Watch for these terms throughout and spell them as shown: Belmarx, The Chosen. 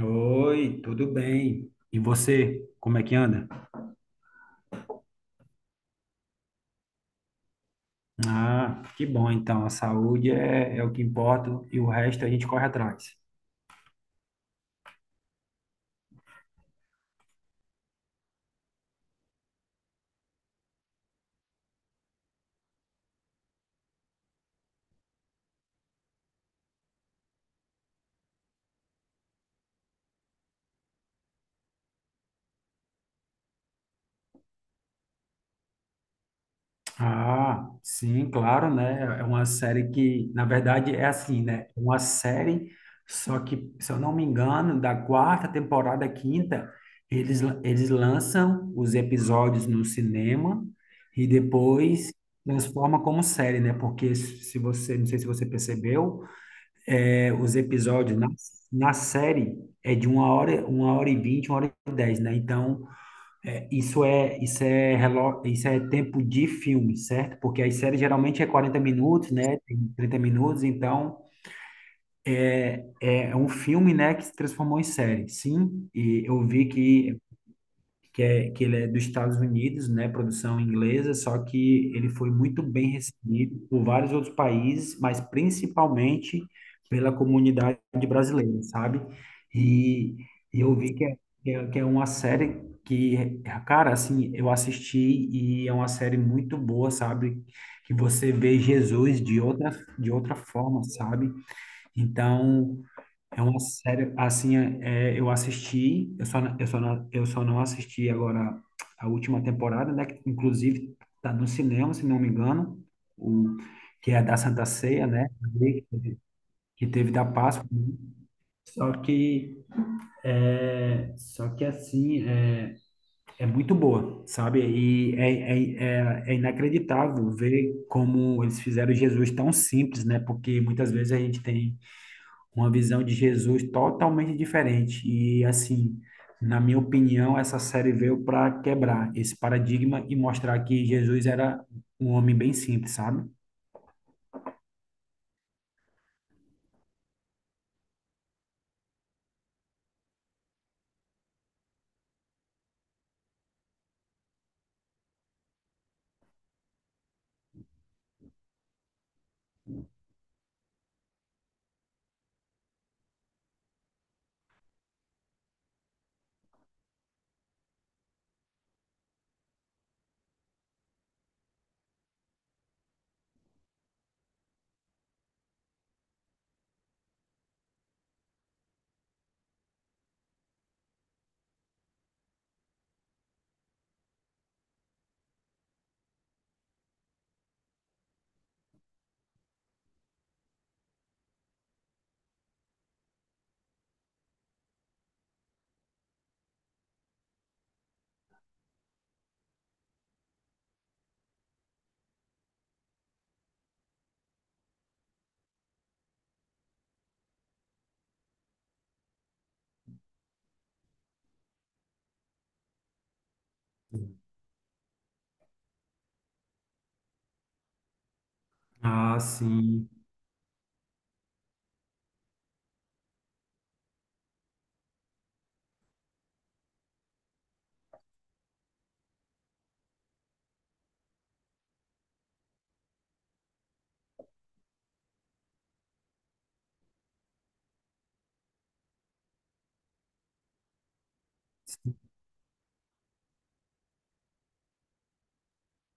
Oi, tudo bem? E você, como é que anda? Ah, que bom então, a saúde é o que importa e o resto a gente corre atrás. Ah, sim, claro, né? É uma série que, na verdade, é assim, né? É uma série, só que, se eu não me engano, da quarta temporada à quinta, eles lançam os episódios no cinema e depois transforma como série, né? Porque se você, não sei se você percebeu, os episódios na série é de uma hora e vinte, uma hora e dez, né? Então, isso é tempo de filme, certo? Porque as séries geralmente é 40 minutos, né? Tem 30 minutos, então é um filme, né, que se transformou em série. Sim, e eu vi que ele é dos Estados Unidos, né, produção inglesa, só que ele foi muito bem recebido por vários outros países, mas principalmente pela comunidade brasileira, sabe? E, e eu vi que é uma série que, cara, assim, eu assisti e é uma série muito boa, sabe? Que você vê Jesus de outra forma, sabe? Então, é uma série, assim, eu assisti, eu só não assisti agora a última temporada, né? Que, inclusive, tá no cinema, se não me engano, o, que é da Santa Ceia, né? Teve que teve da Páscoa, né. Só que, só que assim, é muito boa, sabe? E é inacreditável ver como eles fizeram Jesus tão simples, né? Porque muitas vezes a gente tem uma visão de Jesus totalmente diferente. E assim, na minha opinião, essa série veio para quebrar esse paradigma e mostrar que Jesus era um homem bem simples, sabe? Ah, sim.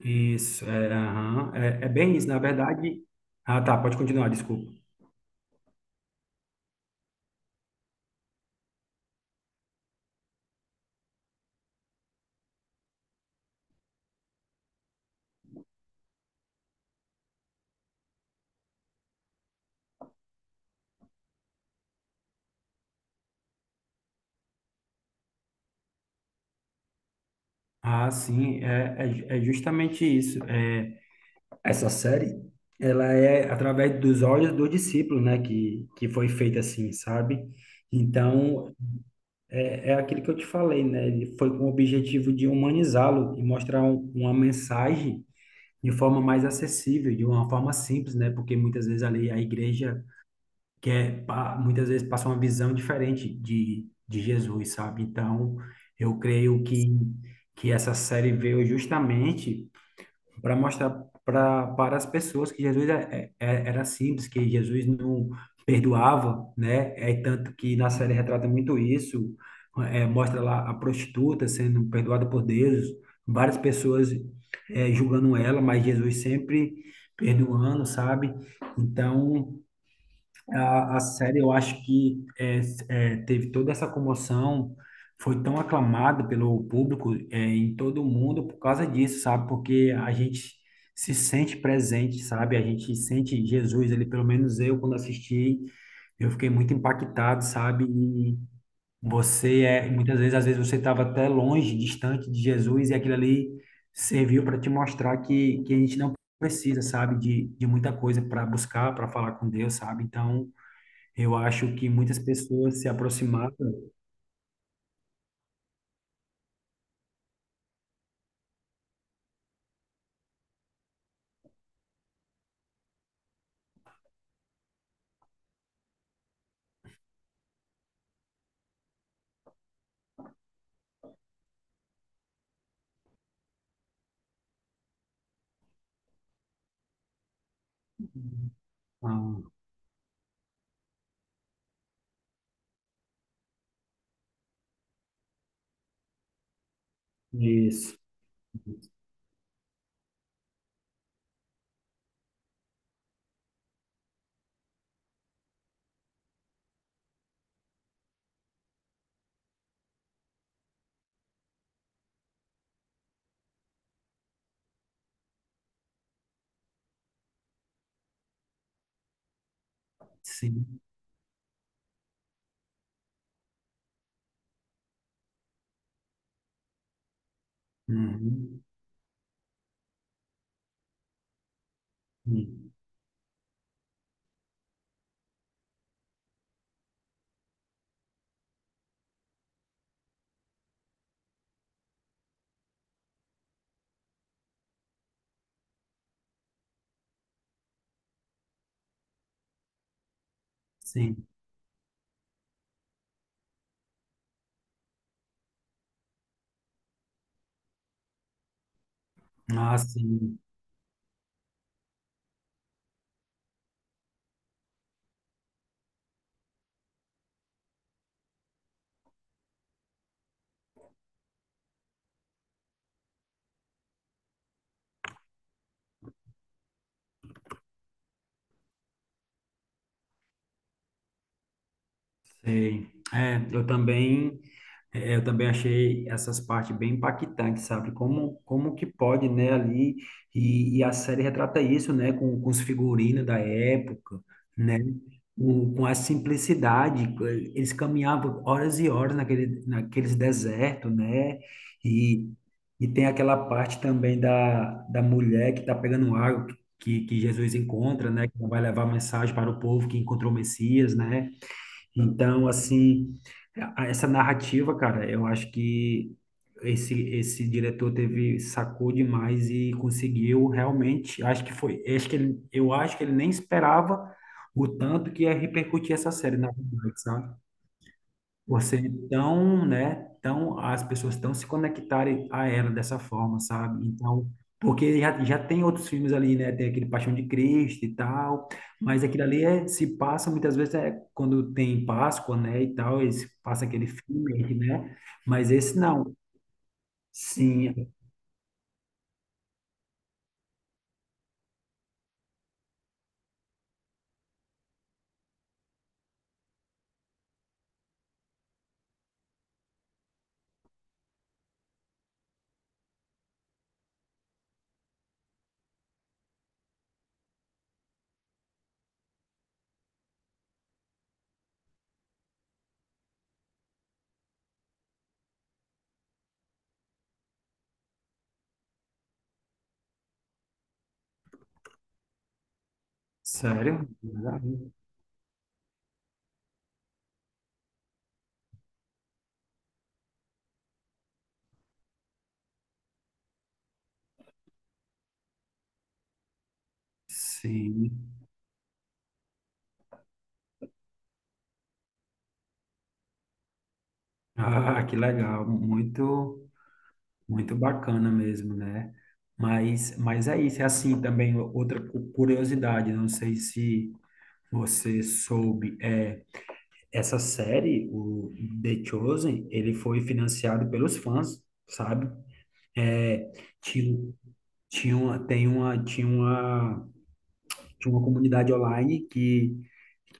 Isso, é, aham. É bem isso, na verdade. Ah, tá, pode continuar, desculpa. Ah, sim, é justamente isso. Essa série, ela é através dos olhos dos discípulos, né? Que foi feita assim, sabe? Então, é aquilo que eu te falei, né? Ele foi com o objetivo de humanizá-lo e mostrar uma mensagem de forma mais acessível, de uma forma simples, né? Porque muitas vezes ali a igreja muitas vezes passa uma visão diferente de Jesus, sabe? Então, eu creio que essa série veio justamente para mostrar para as pessoas que Jesus era simples, que Jesus não perdoava, né? É tanto que na série retrata muito isso, mostra lá a prostituta sendo perdoada por Deus, várias pessoas julgando ela, mas Jesus sempre perdoando, sabe? Então, a série, eu acho teve toda essa comoção, foi tão aclamada pelo público em todo o mundo por causa disso, sabe? Porque a gente se sente presente, sabe? A gente sente Jesus, ele pelo menos eu, quando assisti, eu fiquei muito impactado, sabe? Muitas vezes, às vezes você estava até longe, distante de Jesus, e aquilo ali serviu para te mostrar que a gente não precisa, sabe, de muita coisa para buscar, para falar com Deus, sabe? Então. Eu acho que muitas pessoas se aproximaram ah, disso. Sim. Uhum. Sim. Sim. Ah, sim. Sei. É, eu também, eu também achei essas partes bem impactantes, sabe? Como que pode, né, ali, e a série retrata isso, né, com os figurinos da época, né, com a simplicidade, eles caminhavam horas e horas naquele, naqueles desertos, né, e, e tem aquela parte também da mulher que está pegando água, que Jesus encontra, né, que vai levar a mensagem para o povo que encontrou o Messias, né, então, assim, essa narrativa, cara, eu acho que esse diretor teve, sacou demais e conseguiu realmente, acho que foi, acho que ele, eu acho que ele nem esperava o tanto que ia repercutir essa série, na verdade, sabe? Você então, né? Então as pessoas estão se conectarem a ela dessa forma, sabe? Então, porque já tem outros filmes ali, né? Tem aquele Paixão de Cristo e tal, mas aquilo ali é, se passa muitas vezes é quando tem Páscoa, né? E tal, eles passam aquele filme, né? Mas esse não. Sim, sério? Sim. Ah, que legal, muito. Muito bacana mesmo, né? Mas é isso, é assim também outra curiosidade, não sei se você soube, é, essa série, o The Chosen, ele foi financiado pelos fãs, sabe? É, tinha, tinha uma, tem uma, tinha uma, tinha uma comunidade online que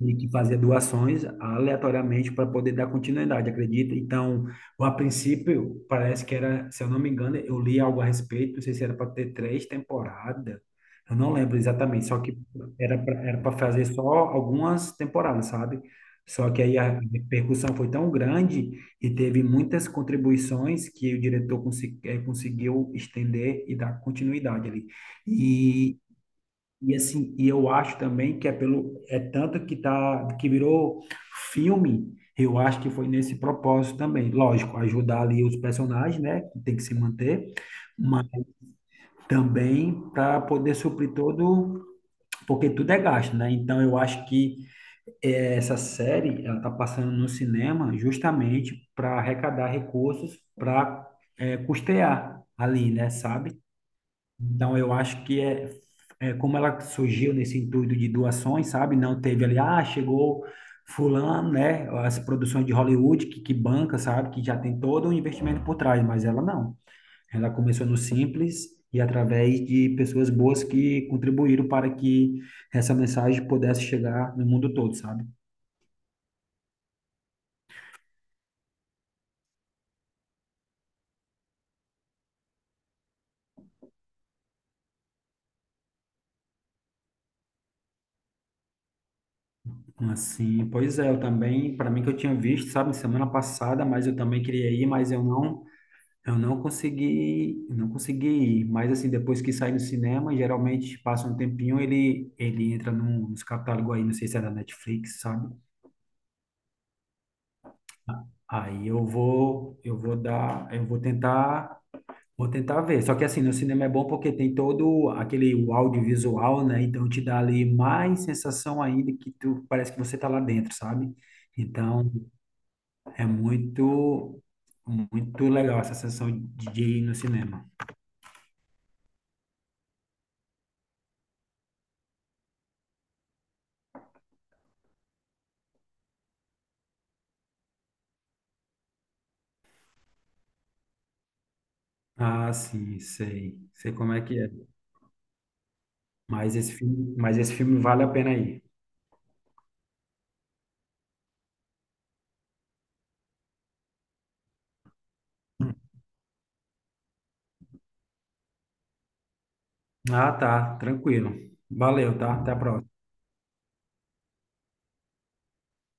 e que fazia doações aleatoriamente para poder dar continuidade, acredita? Então, a princípio, parece que era, se eu não me engano, eu li algo a respeito, não sei se era para ter três temporadas, eu não lembro exatamente, só que era para fazer só algumas temporadas, sabe? Só que aí a repercussão foi tão grande e teve muitas contribuições que o diretor conseguiu estender e dar continuidade ali. E e assim, e eu acho também que é pelo é tanto que tá que virou filme, eu acho que foi nesse propósito também. Lógico, ajudar ali os personagens, né, que tem que se manter, mas também para poder suprir todo, porque tudo é gasto, né? Então eu acho que eh, essa série ela tá passando no cinema justamente para arrecadar recursos para custear ali, né, sabe? Então, eu acho é como ela surgiu nesse intuito de doações, sabe? Não teve ali, ah, chegou fulano, né? As produções de Hollywood que banca, sabe? Que já tem todo um investimento por trás, mas ela não. Ela começou no simples e através de pessoas boas que contribuíram para que essa mensagem pudesse chegar no mundo todo, sabe? Assim, pois é, eu também, para mim que eu tinha visto, sabe, semana passada, mas eu também queria ir, mas eu não consegui, ir, mas assim, depois que sai do cinema, geralmente passa um tempinho, ele entra nos catálogos aí, não sei se é da Netflix, sabe? Aí eu vou dar, eu vou tentar ver. Só que assim, no cinema é bom porque tem todo aquele o audiovisual, né? Então te dá ali mais sensação ainda que tu parece que você tá lá dentro, sabe? Então é muito muito legal essa sensação de ir no cinema. Ah, sim, sei. Sei como é que é. Mas esse filme vale a pena aí. Ah, tá, tranquilo. Valeu, tá? Até a próxima.